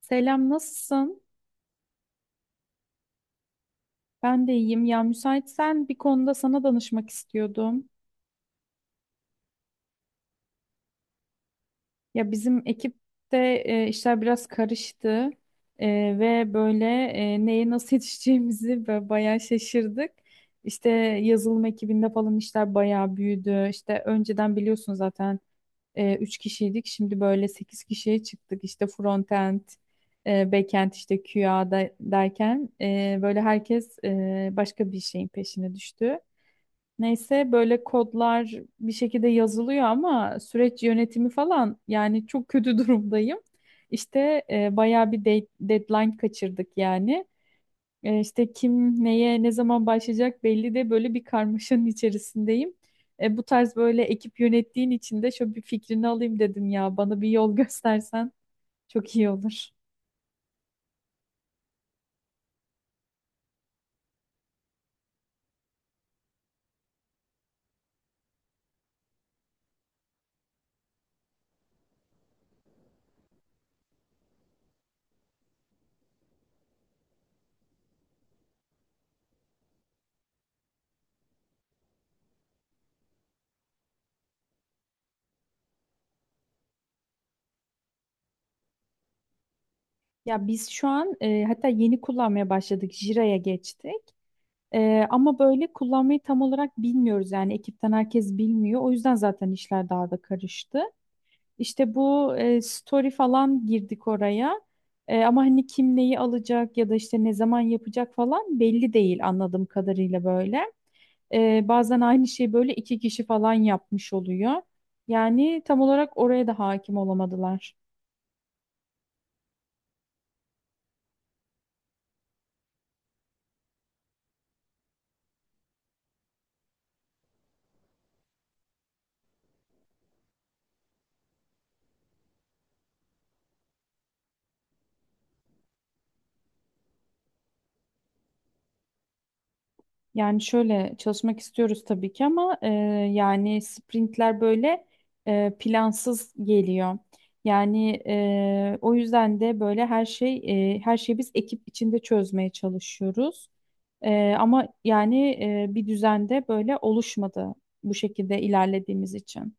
Selam, nasılsın? Ben de iyiyim. Ya müsaitsen bir konuda sana danışmak istiyordum. Ya bizim ekipte işler biraz karıştı E, ve böyle neye nasıl yetişeceğimizi böyle bayağı şaşırdık. İşte yazılım ekibinde falan işler bayağı büyüdü. İşte önceden biliyorsun zaten 3 kişiydik. Şimdi böyle 8 kişiye çıktık. İşte frontend, backend, işte QA derken böyle herkes başka bir şeyin peşine düştü. Neyse böyle kodlar bir şekilde yazılıyor ama süreç yönetimi falan yani çok kötü durumdayım. İşte bayağı bir deadline kaçırdık yani. İşte kim neye ne zaman başlayacak belli de böyle bir karmaşanın içerisindeyim. Bu tarz böyle ekip yönettiğin için de şöyle bir fikrini alayım dedim ya bana bir yol göstersen çok iyi olur. Ya biz şu an hatta yeni kullanmaya başladık Jira'ya geçtik. Ama böyle kullanmayı tam olarak bilmiyoruz yani ekipten herkes bilmiyor. O yüzden zaten işler daha da karıştı. İşte bu story falan girdik oraya. Ama hani kim neyi alacak ya da işte ne zaman yapacak falan belli değil anladığım kadarıyla böyle. Bazen aynı şeyi böyle iki kişi falan yapmış oluyor. Yani tam olarak oraya da hakim olamadılar. Yani şöyle çalışmak istiyoruz tabii ki ama yani sprintler böyle plansız geliyor. Yani o yüzden de böyle her şeyi biz ekip içinde çözmeye çalışıyoruz. Ama yani bir düzende böyle oluşmadı bu şekilde ilerlediğimiz için.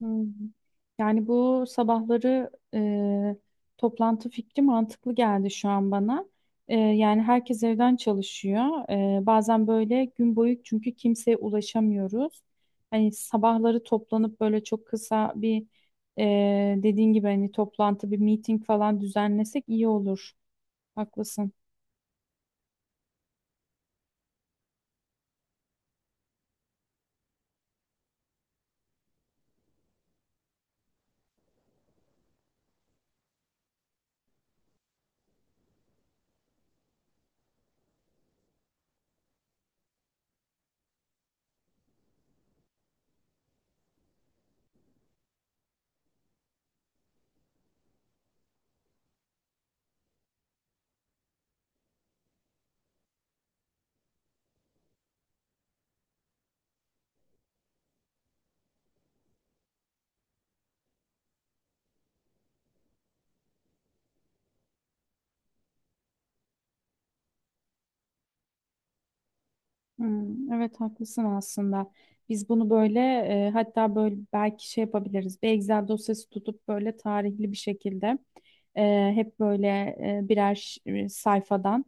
Hmm. Yani bu sabahları toplantı fikri mantıklı geldi şu an bana. Yani herkes evden çalışıyor. Bazen böyle gün boyu çünkü kimseye ulaşamıyoruz. Hani sabahları toplanıp böyle çok kısa bir e, dediğin gibi hani toplantı bir meeting falan düzenlesek iyi olur. Haklısın. Hmm, evet haklısın aslında. Biz bunu böyle hatta böyle belki şey yapabiliriz. Bir Excel dosyası tutup böyle tarihli bir şekilde hep böyle birer sayfadan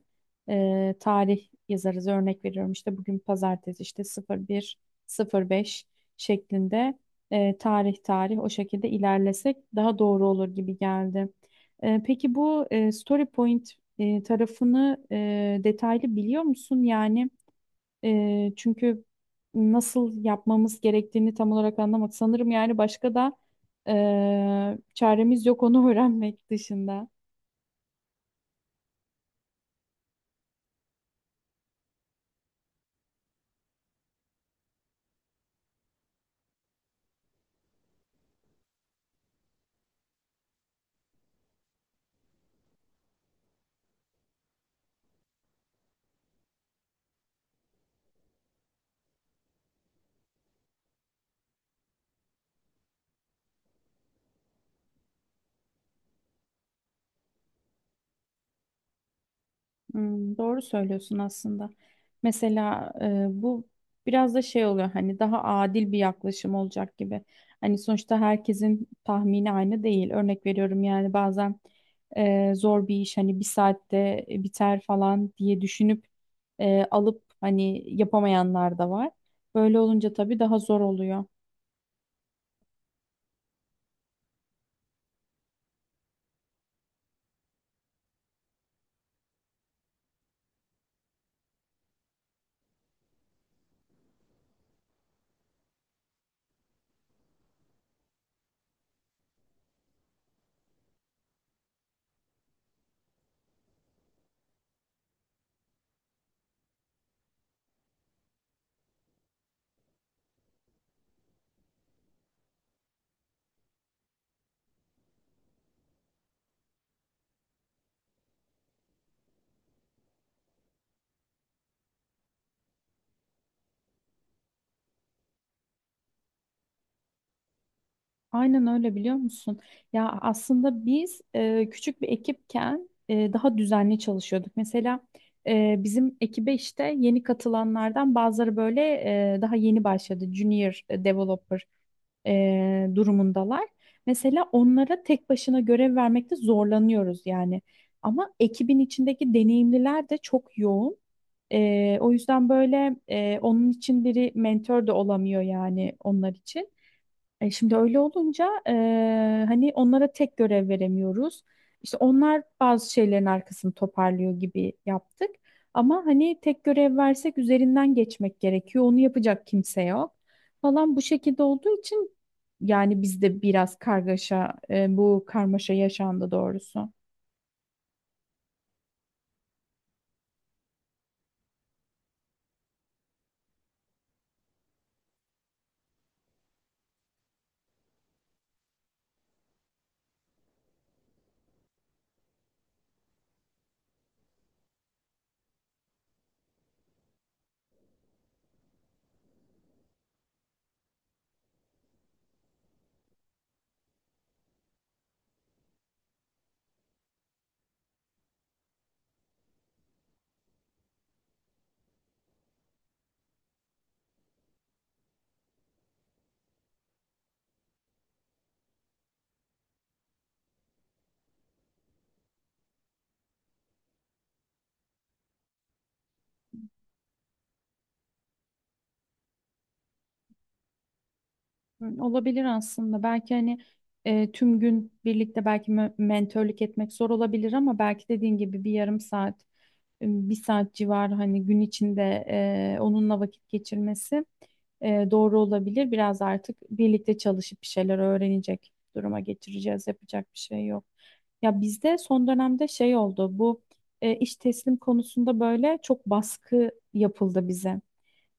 tarih yazarız. Örnek veriyorum işte bugün pazartesi işte 01 05 şeklinde tarih tarih o şekilde ilerlesek daha doğru olur gibi geldi. Peki bu story point tarafını detaylı biliyor musun? Yani çünkü nasıl yapmamız gerektiğini tam olarak anlamadık. Sanırım yani başka da çaremiz yok onu öğrenmek dışında. Hmm, doğru söylüyorsun aslında. Mesela bu biraz da şey oluyor hani daha adil bir yaklaşım olacak gibi. Hani sonuçta herkesin tahmini aynı değil. Örnek veriyorum yani bazen zor bir iş hani bir saatte biter falan diye düşünüp alıp hani yapamayanlar da var. Böyle olunca tabii daha zor oluyor. Aynen öyle biliyor musun? Ya aslında biz küçük bir ekipken daha düzenli çalışıyorduk. Mesela bizim ekibe işte yeni katılanlardan bazıları böyle daha yeni başladı. Junior developer durumundalar. Mesela onlara tek başına görev vermekte zorlanıyoruz yani. Ama ekibin içindeki deneyimliler de çok yoğun. O yüzden böyle onun için biri mentor da olamıyor yani onlar için. Şimdi öyle olunca hani onlara tek görev veremiyoruz. İşte onlar bazı şeylerin arkasını toparlıyor gibi yaptık. Ama hani tek görev versek üzerinden geçmek gerekiyor. Onu yapacak kimse yok falan bu şekilde olduğu için yani bizde biraz kargaşa bu karmaşa yaşandı doğrusu. Hı, olabilir aslında. Belki hani tüm gün birlikte belki mentörlük etmek zor olabilir ama belki dediğin gibi bir yarım saat bir saat civarı hani gün içinde onunla vakit geçirmesi doğru olabilir. Biraz artık birlikte çalışıp bir şeyler öğrenecek duruma getireceğiz. Yapacak bir şey yok. Ya bizde son dönemde şey oldu. Bu iş teslim konusunda böyle çok baskı yapıldı bize.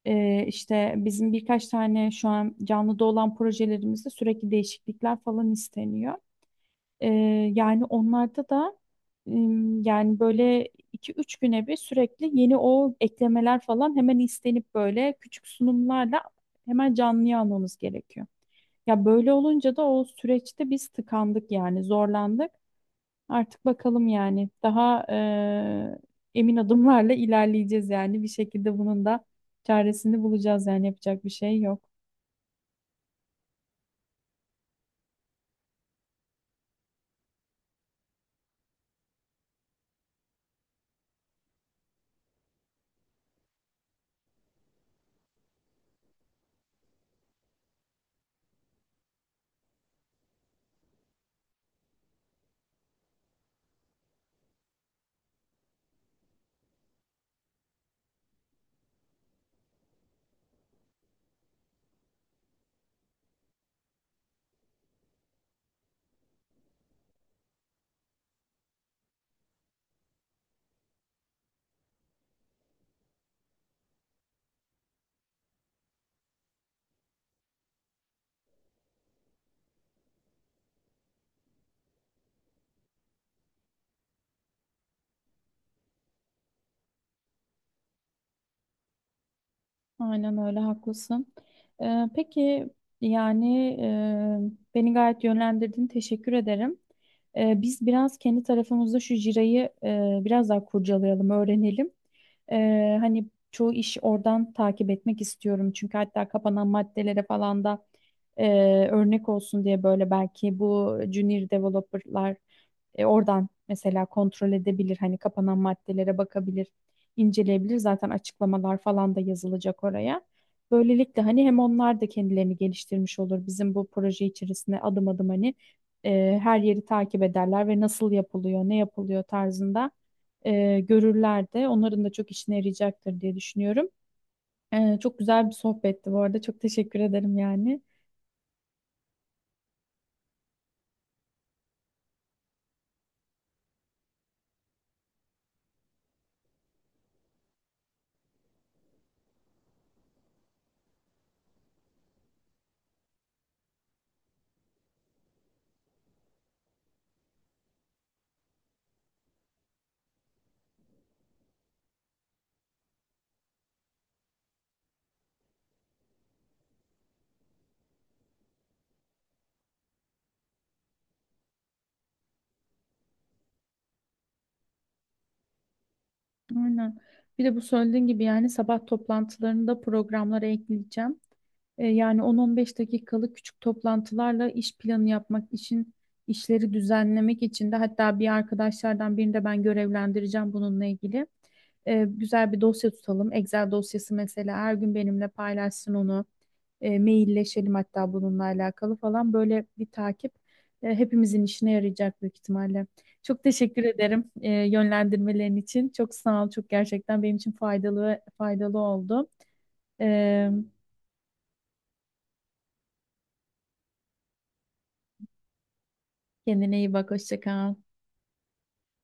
İşte bizim birkaç tane şu an canlıda olan projelerimizde sürekli değişiklikler falan isteniyor. Ee, Yani onlarda da yani böyle iki üç güne bir sürekli yeni o eklemeler falan hemen istenip böyle küçük sunumlarla hemen canlıya almamız gerekiyor. Ya böyle olunca da o süreçte biz tıkandık yani zorlandık. Artık bakalım yani daha emin adımlarla ilerleyeceğiz yani bir şekilde bunun da çaresini bulacağız yani yapacak bir şey yok. Aynen öyle haklısın. Peki yani beni gayet yönlendirdin. Teşekkür ederim. Biz biraz kendi tarafımızda şu jirayı biraz daha kurcalayalım, öğrenelim. Hani çoğu iş oradan takip etmek istiyorum. Çünkü hatta kapanan maddelere falan da e, örnek olsun diye böyle belki bu junior developerlar oradan mesela kontrol edebilir. Hani kapanan maddelere bakabilir inceleyebilir. Zaten açıklamalar falan da yazılacak oraya. Böylelikle hani hem onlar da kendilerini geliştirmiş olur. Bizim bu proje içerisinde adım adım hani her yeri takip ederler ve nasıl yapılıyor, ne yapılıyor tarzında görürler de. Onların da çok işine yarayacaktır diye düşünüyorum. Çok güzel bir sohbetti bu arada. Çok teşekkür ederim yani. Aynen. Bir de bu söylediğin gibi yani sabah toplantılarını programlara ekleyeceğim. Yani 10-15 dakikalık küçük toplantılarla iş planı yapmak için, işleri düzenlemek için de hatta bir arkadaşlardan birini de ben görevlendireceğim bununla ilgili. Güzel bir dosya tutalım. Excel dosyası mesela her gün benimle paylaşsın onu. Mailleşelim hatta bununla alakalı falan böyle bir takip hepimizin işine yarayacak büyük ihtimalle. Çok teşekkür ederim yönlendirmelerin için. Çok sağ ol. Çok gerçekten benim için faydalı faydalı oldu. E, Kendine iyi bak. Hoşça kal.